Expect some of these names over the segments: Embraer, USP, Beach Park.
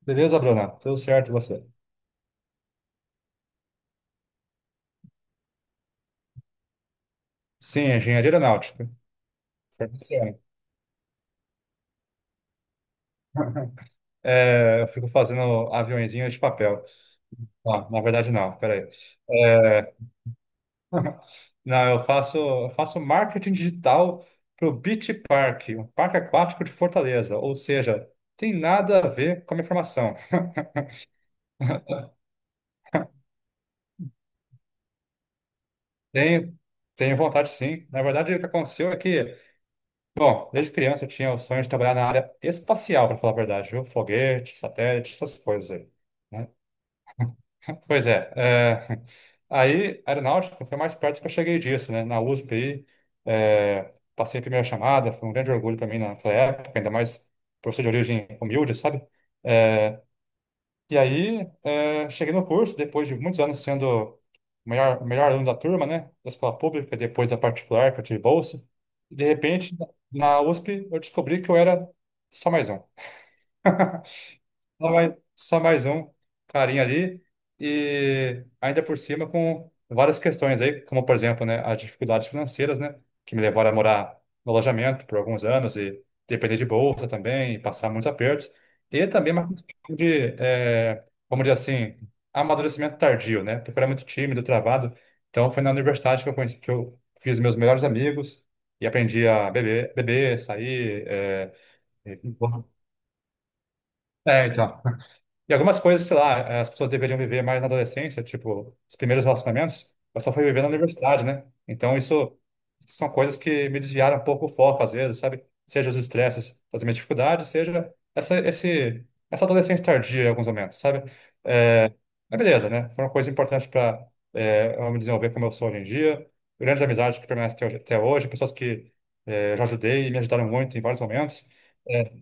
Beleza, Bruna? Tudo certo e você? Sim, engenharia aeronáutica. Formação. É, eu fico fazendo aviõezinhos de papel. Ah, na verdade, não, peraí. É, não, eu faço marketing digital para o Beach Park, um parque aquático de Fortaleza. Ou seja, tem nada a ver com a minha formação. Tenho, tenho vontade, sim. Na verdade, o que aconteceu bom, desde criança eu tinha o sonho de trabalhar na área espacial, para falar a verdade, viu? Foguete, satélite, essas coisas aí. Né? Pois é, é, aí aeronáutica foi mais perto que eu cheguei disso, né? Na USP aí, passei a primeira chamada, foi um grande orgulho para mim naquela época, ainda mais professor de origem humilde, sabe? É, e aí cheguei no curso, depois de muitos anos sendo o o melhor aluno da turma, né? Da escola pública, depois da particular, que eu tive bolsa. E de repente, na USP, eu descobri que eu era só mais um. Só mais um carinha ali. E ainda por cima com várias questões aí, como por exemplo, né, as dificuldades financeiras, né, que me levaram a morar no alojamento por alguns anos e depender de bolsa também, e passar muitos apertos. E também uma questão de, vamos dizer assim, amadurecimento tardio, né, porque eu era muito tímido, travado. Então foi na universidade que eu fiz meus melhores amigos e aprendi a beber, beber, sair. E- É, então. E algumas coisas, sei lá, as pessoas deveriam viver mais na adolescência, tipo, os primeiros relacionamentos, eu só fui viver na universidade, né? Então, isso são coisas que me desviaram um pouco o foco, às vezes, sabe? Seja os estresses das minhas dificuldades, seja essa adolescência tardia em alguns momentos, sabe? Mas beleza, né? Foram coisas importantes para eu me desenvolver como eu sou hoje em dia, grandes amizades que permanecem até hoje, pessoas que eu já ajudei e me ajudaram muito em vários momentos. É,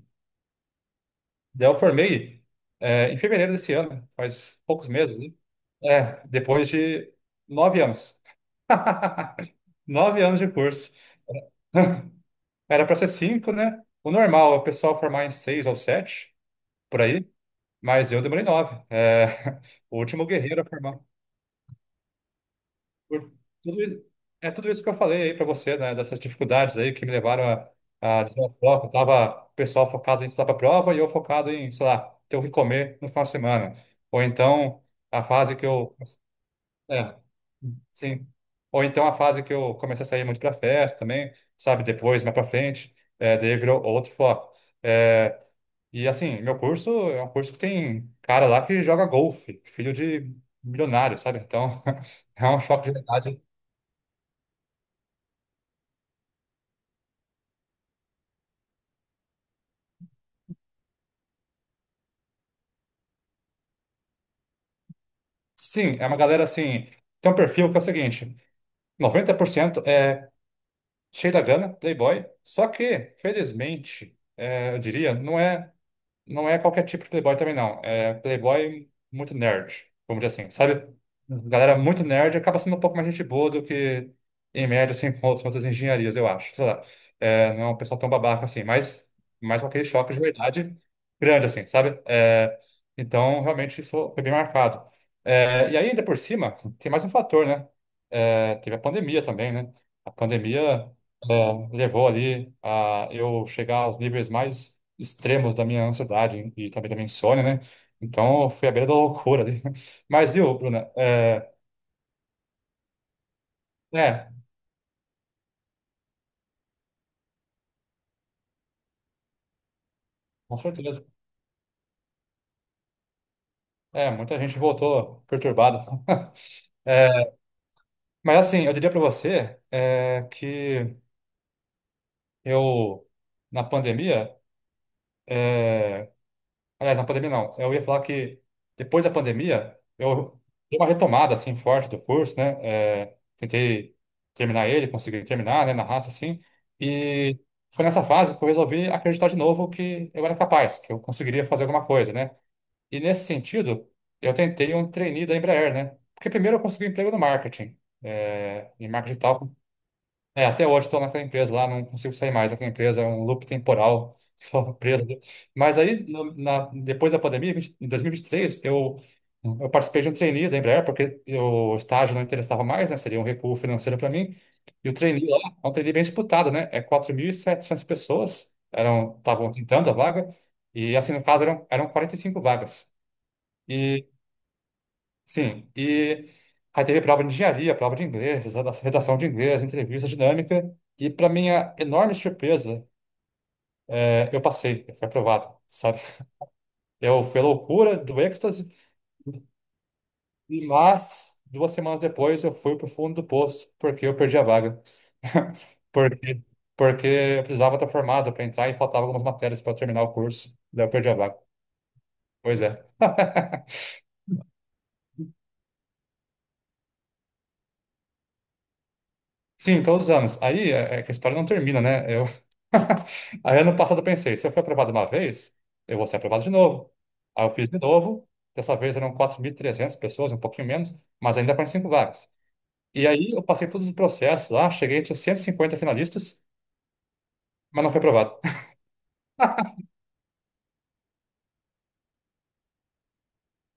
Daí eu formei em fevereiro desse ano, faz poucos meses, né? É, depois de nove anos. Nove anos de curso. Era para ser cinco, né? O normal é o pessoal formar em seis ou sete, por aí. Mas eu demorei nove. É, o último guerreiro a formar. Por tudo isso- É tudo isso que eu falei aí para você, né? Dessas dificuldades aí que me levaram a desviar o foco. Tava o pessoal focado em estudar para prova e eu focado em, sei lá, ter o que comer no final de semana. Ou então a fase que eu. É, sim. Ou então a fase que eu comecei a sair muito para festa também, sabe? Depois, mais para frente, daí virou outro foco. É, e assim, meu curso é um curso que tem cara lá que joga golfe, filho de milionário, sabe? Então, é um choque de realidade. Sim, é uma galera assim. Tem um perfil que é o seguinte: 90% é cheio da grana, playboy, só que, felizmente, eu diria, não é. Não é qualquer tipo de playboy também, não. É playboy muito nerd, vamos dizer assim, sabe? Galera muito nerd acaba sendo um pouco mais gente boa do que, em média, assim com as outras engenharias, eu acho. Sei lá. É, não é um pessoal tão babaca assim, mas com aquele choque de verdade grande, assim, sabe? É, então, realmente, isso foi bem marcado. É, e aí, ainda por cima, tem mais um fator, né? É, teve a pandemia também, né? A pandemia, é, levou ali a eu chegar aos níveis mais extremos da minha ansiedade e também da minha insônia, né? Então, foi à beira da loucura ali. Mas, viu, Bruna? É, com certeza. É, muita gente voltou perturbada. É, mas, assim, eu diria para você que eu, na pandemia, é, Aliás, na pandemia não. Eu ia falar que depois da pandemia, eu dei uma retomada assim forte do curso, né? É, tentei terminar ele, consegui terminar, né, na raça assim. E foi nessa fase que eu resolvi acreditar de novo que eu era capaz, que eu conseguiria fazer alguma coisa, né? E nesse sentido, eu tentei um trainee da Embraer, né? Porque primeiro eu consegui um emprego no marketing, em marketing digital, é, até hoje estou naquela empresa lá, não consigo sair mais daquela empresa, é um loop temporal, estou preso ali. Mas aí, depois da pandemia, 20 em 2023, eu participei de um trainee da Embraer, porque o estágio não interessava mais, né? Seria um recuo financeiro para mim. E o trainee lá é um trainee bem disputado, né? É 4.700 pessoas eram estavam tentando a vaga, e assim, no caso, eram 45 vagas. Sim, e aí teve prova de engenharia, prova de inglês, redação de inglês, entrevista dinâmica, e para minha enorme surpresa, eu passei, eu fui aprovado, sabe? Eu fui a loucura do êxtase, mas duas semanas depois eu fui pro fundo do poço, porque eu perdi a vaga. Porque, porque eu precisava estar formado para entrar e faltava algumas matérias para terminar o curso, daí eu perdi a vaga. Pois é. Sim, todos os anos. Aí é que a história não termina, né? Eu... Aí ano passado eu pensei, se eu fui aprovado uma vez, eu vou ser aprovado de novo. Aí eu fiz de novo, dessa vez eram 4.300 pessoas, um pouquinho menos, mas ainda 45 vagas. E aí eu passei todos os processos lá, cheguei entre os 150 finalistas, mas não fui aprovado.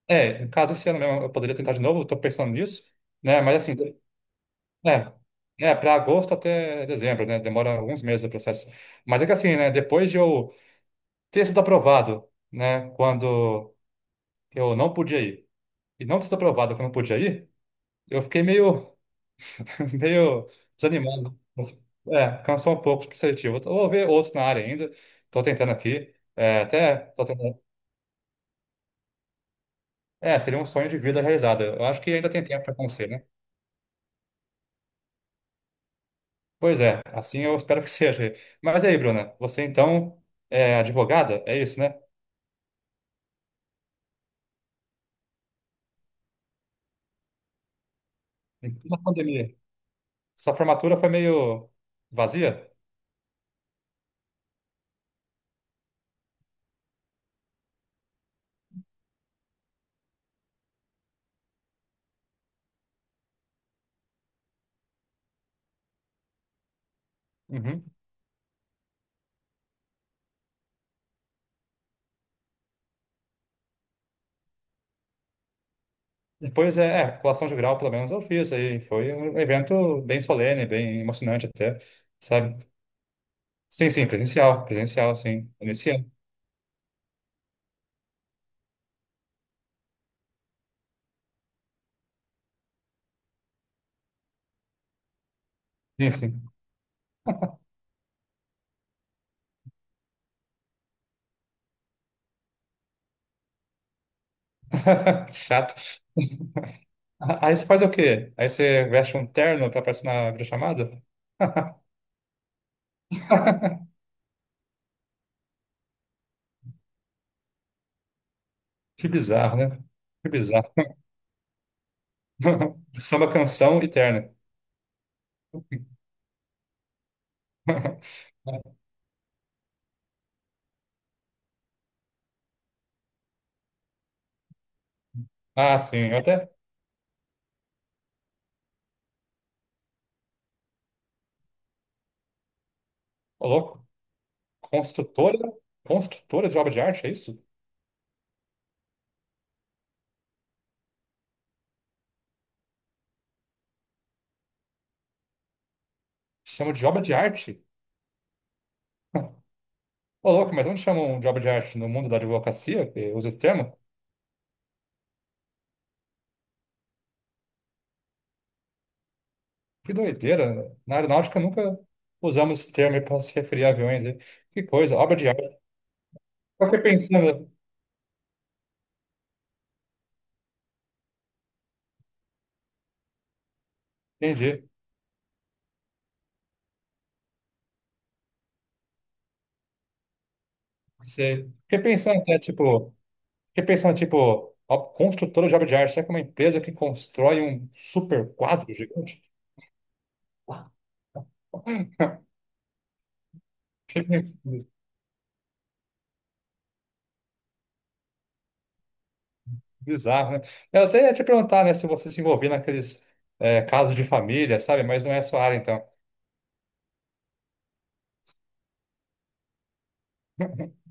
É, no caso esse ano mesmo eu poderia tentar de novo, estou pensando nisso, né? Mas assim, é, é para agosto até dezembro, né? Demora alguns meses o processo. Mas é que assim, né? Depois de eu ter sido aprovado, né, quando eu não podia ir, e não ter sido aprovado quando eu podia ir, eu fiquei meio, meio desanimado. É, cansou um pouco pro seletivo. Eu vou ver outros na área ainda, estou tentando aqui. Tô tentando. É, seria um sonho de vida realizado. Eu acho que ainda tem tempo para acontecer, né? Pois é, assim eu espero que seja. Mas aí, Bruna, você então é advogada? É isso, né? Em plena pandemia. Sua formatura foi meio vazia? Uhum. Depois, é, é, colação de grau, pelo menos eu fiz aí. Foi um evento bem solene, bem emocionante até, sabe? Sim, sim, presencial, presencial, sim. Nesse ano. Sim, sim. Chato. Aí você faz o quê? Aí você veste um terno pra aparecer na videochamada? Que bizarro, né? Que bizarro. Samba canção e terno. Ah, sim, eu até. Ô, louco. Construtora? Construtora de obra de arte, é isso? Chama de obra de arte? Ô, louco, mas onde chama um job de arte no mundo da advocacia? Que usa esse termo? Que doideira. Na aeronáutica nunca usamos esse termo para se referir a aviões. Né? Que coisa, obra de arte. Eu fiquei pensando, entendi. Sei. Fiquei pensando até, tipo, fiquei pensando, tipo, a construtora de obra de arte, será que é uma empresa que constrói um super quadro gigante? Que bizarro, né? Eu até ia te perguntar, né, se você se envolvia naqueles casos de família, sabe? Mas não é a sua área, então.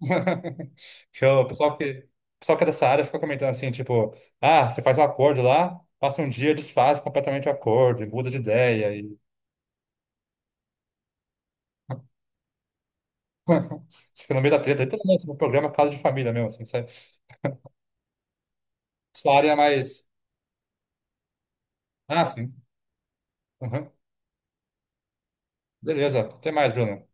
Que o pessoal o pessoal que é dessa área fica comentando assim, tipo, ah, você faz um acordo lá, passa um dia, desfaz completamente o acordo, e muda de ideia, e você fica no meio da treta, literalmente, no programa Casa de Família mesmo, assim, sabe? Sua área é mais. Ah, sim. Uhum. Beleza, até mais, Bruno.